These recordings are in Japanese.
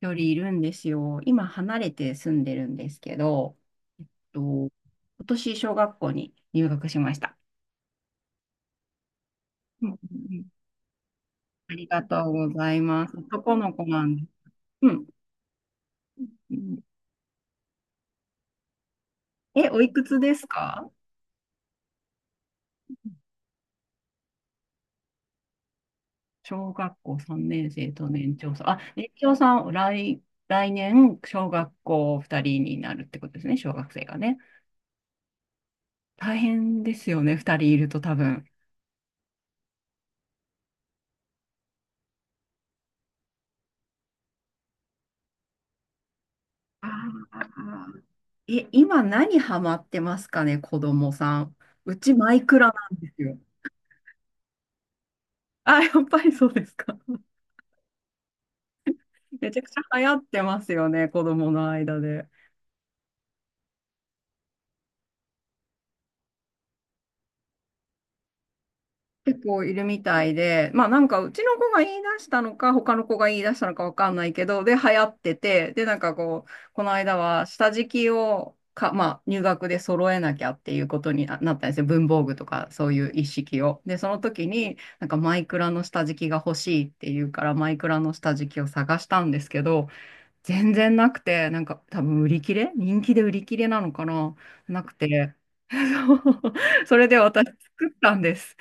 よりいるんですよ。今離れて住んでるんですけど、えっ今年小学校に入学しました。うんうんうん。ありがとうございます。男の子なんです。うん。うん。え、おいくつですか？小学校3年生と年長さん。あ、年長さん、来年、小学校2人になるってことですね、小学生がね。大変ですよね、2人いると多分。あー。え、今何ハマってますかね、子供さん。うちマイクラなんですよ。あ、やっぱりそうですか。めちゃくちゃ流行ってますよね、子供の間で。結構いるみたいで、まあなんかうちの子が言い出したのか、他の子が言い出したのかわかんないけど、で、流行ってて、で、なんかこう、この間は下敷きをか、まあ入学で揃えなきゃっていうことにったんですよ。文房具とかそういう一式を。で、その時になんかマイクラの下敷きが欲しいっていうから、マイクラの下敷きを探したんですけど、全然なくて、なんか多分売り切れ、人気で売り切れなのかな、なくて。そう、それで私作ったんです。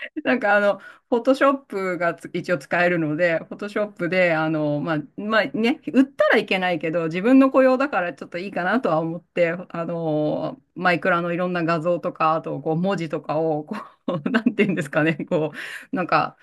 なんかあの、フォトショップが一応使えるので、フォトショップで、あの、まあ、まあね、売ったらいけないけど、自分の雇用だからちょっといいかなとは思って、あの、マイクラのいろんな画像とか、あとこう文字とかを、こう、なんていうんですかね、こう、なんか、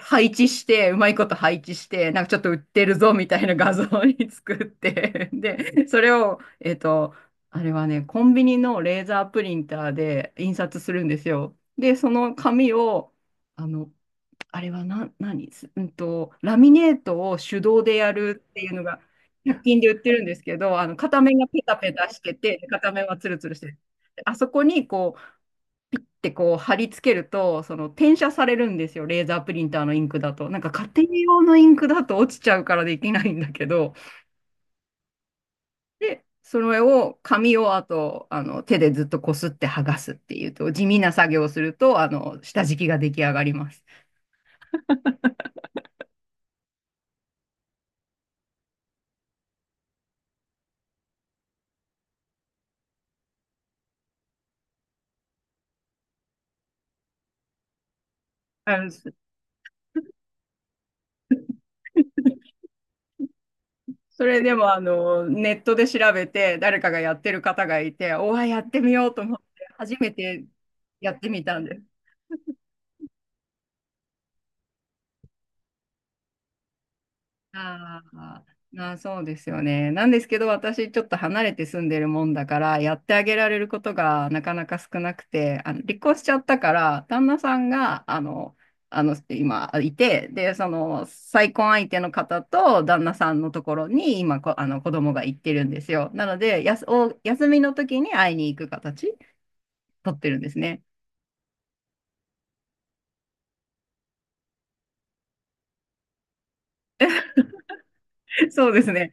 配置して、うまいこと配置して、なんかちょっと売ってるぞみたいな画像に作って、で、それを、あれはね、コンビニのレーザープリンターで印刷するんですよ。で、その紙を、あの、あれはな、何すうんと、ラミネートを手動でやるっていうのが、100均で売ってるんですけど、あの、片面がペタペタしてて、片面はツルツルしてる。で、あそこにこう、ってこう貼り付けると、その転写されるんですよ、レーザープリンターのインクだと。なんか家庭用のインクだと落ちちゃうからできないんだけど、で、それを、紙を、あと、あの、手でずっとこすって剥がすっていうと、地味な作業をすると、あの、下敷きが出来上がります。あの、それでもあのネットで調べて誰かがやってる方がいて、おわ、やってみようと思って初めてやってみたんです。ああ、まあそうですよね。なんですけど私ちょっと離れて住んでるもんだからやってあげられることがなかなか少なくて、あの離婚しちゃったから旦那さんがあの、あの今いて、で、その再婚相手の方と旦那さんのところにあの子供が行ってるんですよ。なので、やす、お、休みの時に会いに行く形。撮ってるんですね。そうですね。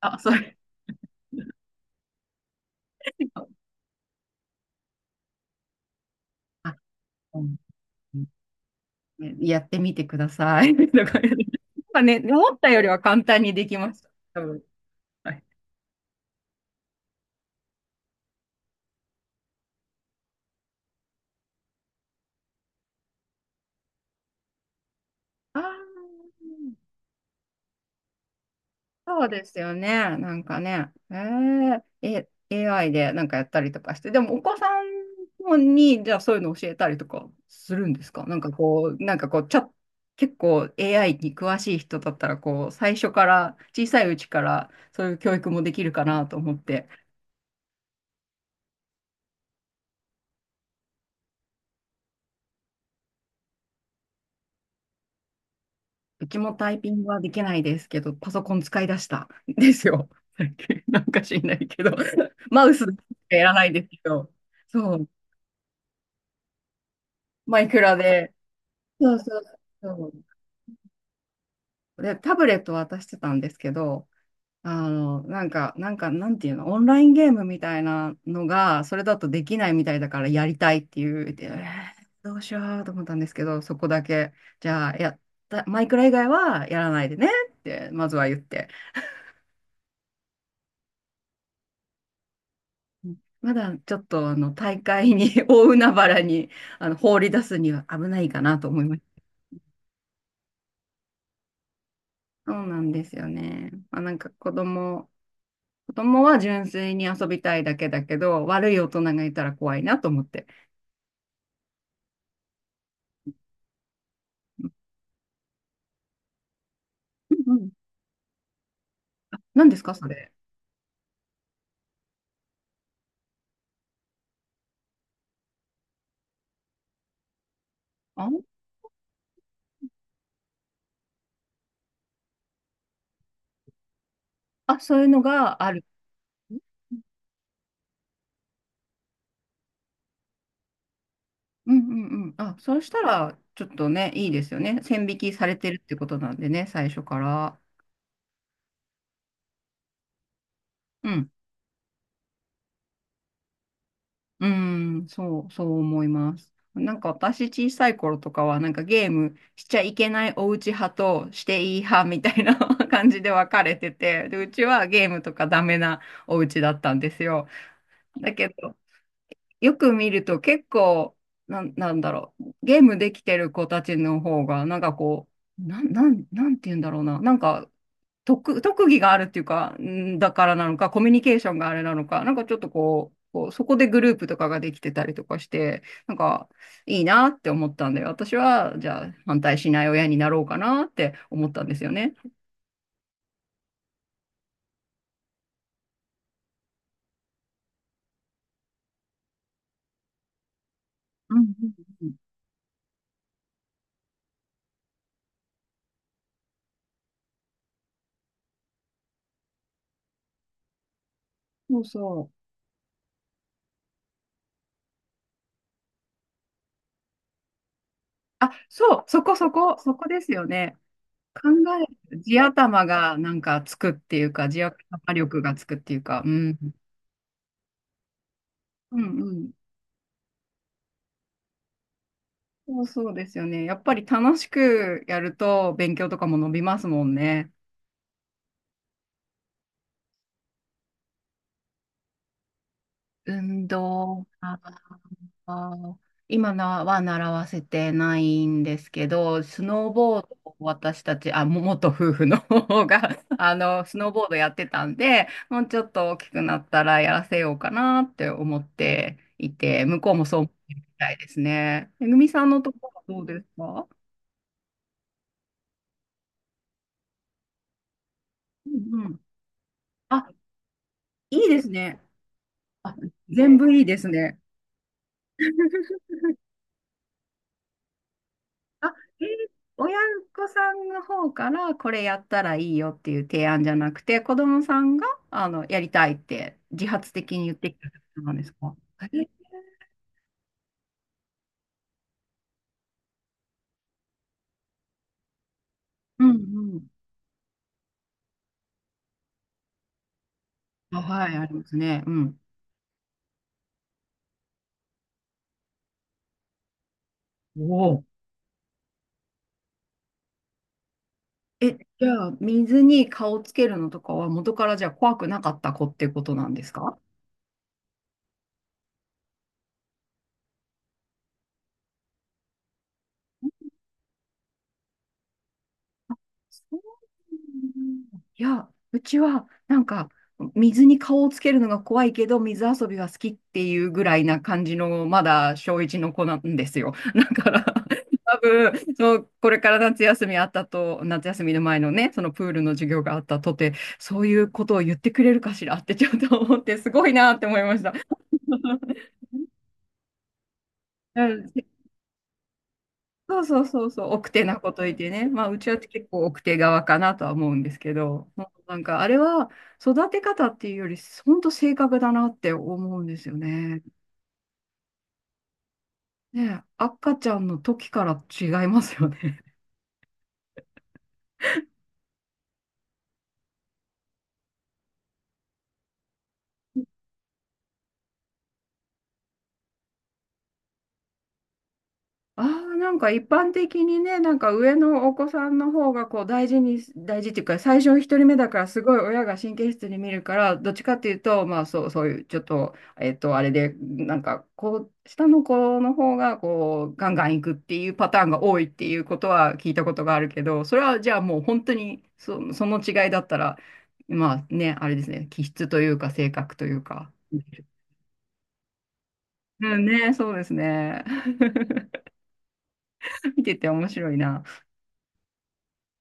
あ、それ。 あ、うんね、やってみてください。とか言って、まあね、思ったよりは簡単にできました。多分。はい。あー、そうですよね。なんかね。AI でなんかやったりとかして。でも、お子さんに、じゃあそういうの教えたりとかするんですか？なんかこう、結構 AI に詳しい人だったら、こう、最初から、小さいうちから、そういう教育もできるかなと思って。うちもタイピングはできないですけど、パソコン使い出したん ですよ。最近なんか知んないけど、マウスしかやらないですけど、そう、マイクラで。そうそうそう。で、タブレット渡してたんですけど、あの、なんか、なんていうの、オンラインゲームみたいなのが、それだとできないみたいだからやりたいっていう、でーどうしようと思ったんですけど、そこだけ、じゃあ、やった、マイクラ以外はやらないでねって、まずは言って。まだちょっとあの大会に 大海原にあの放り出すには危ないかなと思います。そうなんですよね。まあ、なんか子供は純粋に遊びたいだけだけど、悪い大人がいたら怖いなと思って。うんうん。何ですか、それ？あ、あ、そういうのがある。うんうんうん。あ、そうしたらちょっとね、いいですよね。線引きされてるってことなんでね、最初から。うん。うん、そう、そう思います。なんか私小さい頃とかはなんかゲームしちゃいけないお家派としていい派みたいな 感じで分かれてて、で、うちはゲームとかダメなお家だったんですよ。だけど、よく見ると結構、なんだろう、ゲームできてる子たちの方が、なんかこう、なんて言うんだろうな、なんか特技があるっていうか、んだからなのか、コミュニケーションがあれなのか、なんかちょっとこう、こうそこでグループとかができてたりとかして、なんかいいなって思ったんで、私はじゃあ反対しない親になろうかなって思ったんですよね。うんうんうん。そうそう。あ、そう、そこですよね。考える、地頭がなんかつくっていうか、地頭力がつくっていうか、うん。うんうん。そうそうですよね。やっぱり楽しくやると勉強とかも伸びますもんね。運動。あー、今のは習わせてないんですけど、スノーボードを私たち、あ、も元夫婦の方が、あの、スノーボードやってたんで、もうちょっと大きくなったらやらせようかなって思っていて、向こうもそう思ってるみたいですね。めぐみさんのところはどうですか？うんうん。あ、いいですね。あ、全部いいですね。あ、えー、親御さんの方からこれやったらいいよっていう提案じゃなくて、子供さんがあのやりたいって自発的に言ってきたことなんですか？え、うんうん。あ、はい、ありますね。うん。おお。え、じゃあ、水に顔つけるのとかは元からじゃあ怖くなかった子ってことなんですか？いや、うちはなんか水に顔をつけるのが怖いけど、水遊びは好きっていうぐらいな感じの、まだ小一の子なんですよ。だから、多分、そう、これから夏休みあったと、夏休みの前のね、そのプールの授業があったとて、そういうことを言ってくれるかしらってちょっと思って、すごいなって思いました。うん、そうそうそうそう、奥手なこと言ってね。まあ、うちは結構奥手側かなとは思うんですけど、もうなんかあれは育て方っていうより、本当性格だなって思うんですよね。ねえ、赤ちゃんの時から違いますよね。ああ、なんか一般的にね、なんか上のお子さんの方がこう大事に、大事っていうか、最初一人目だからすごい親が神経質に見るから、どっちかっていうと、まあそう、そういうちょっと、あれで、なんかこう、下の子の方がこう、ガンガンいくっていうパターンが多いっていうことは聞いたことがあるけど、それはじゃあもう本当にその違いだったら、まあね、あれですね、気質というか性格というか。うんね、そうですね。見てて面白いな。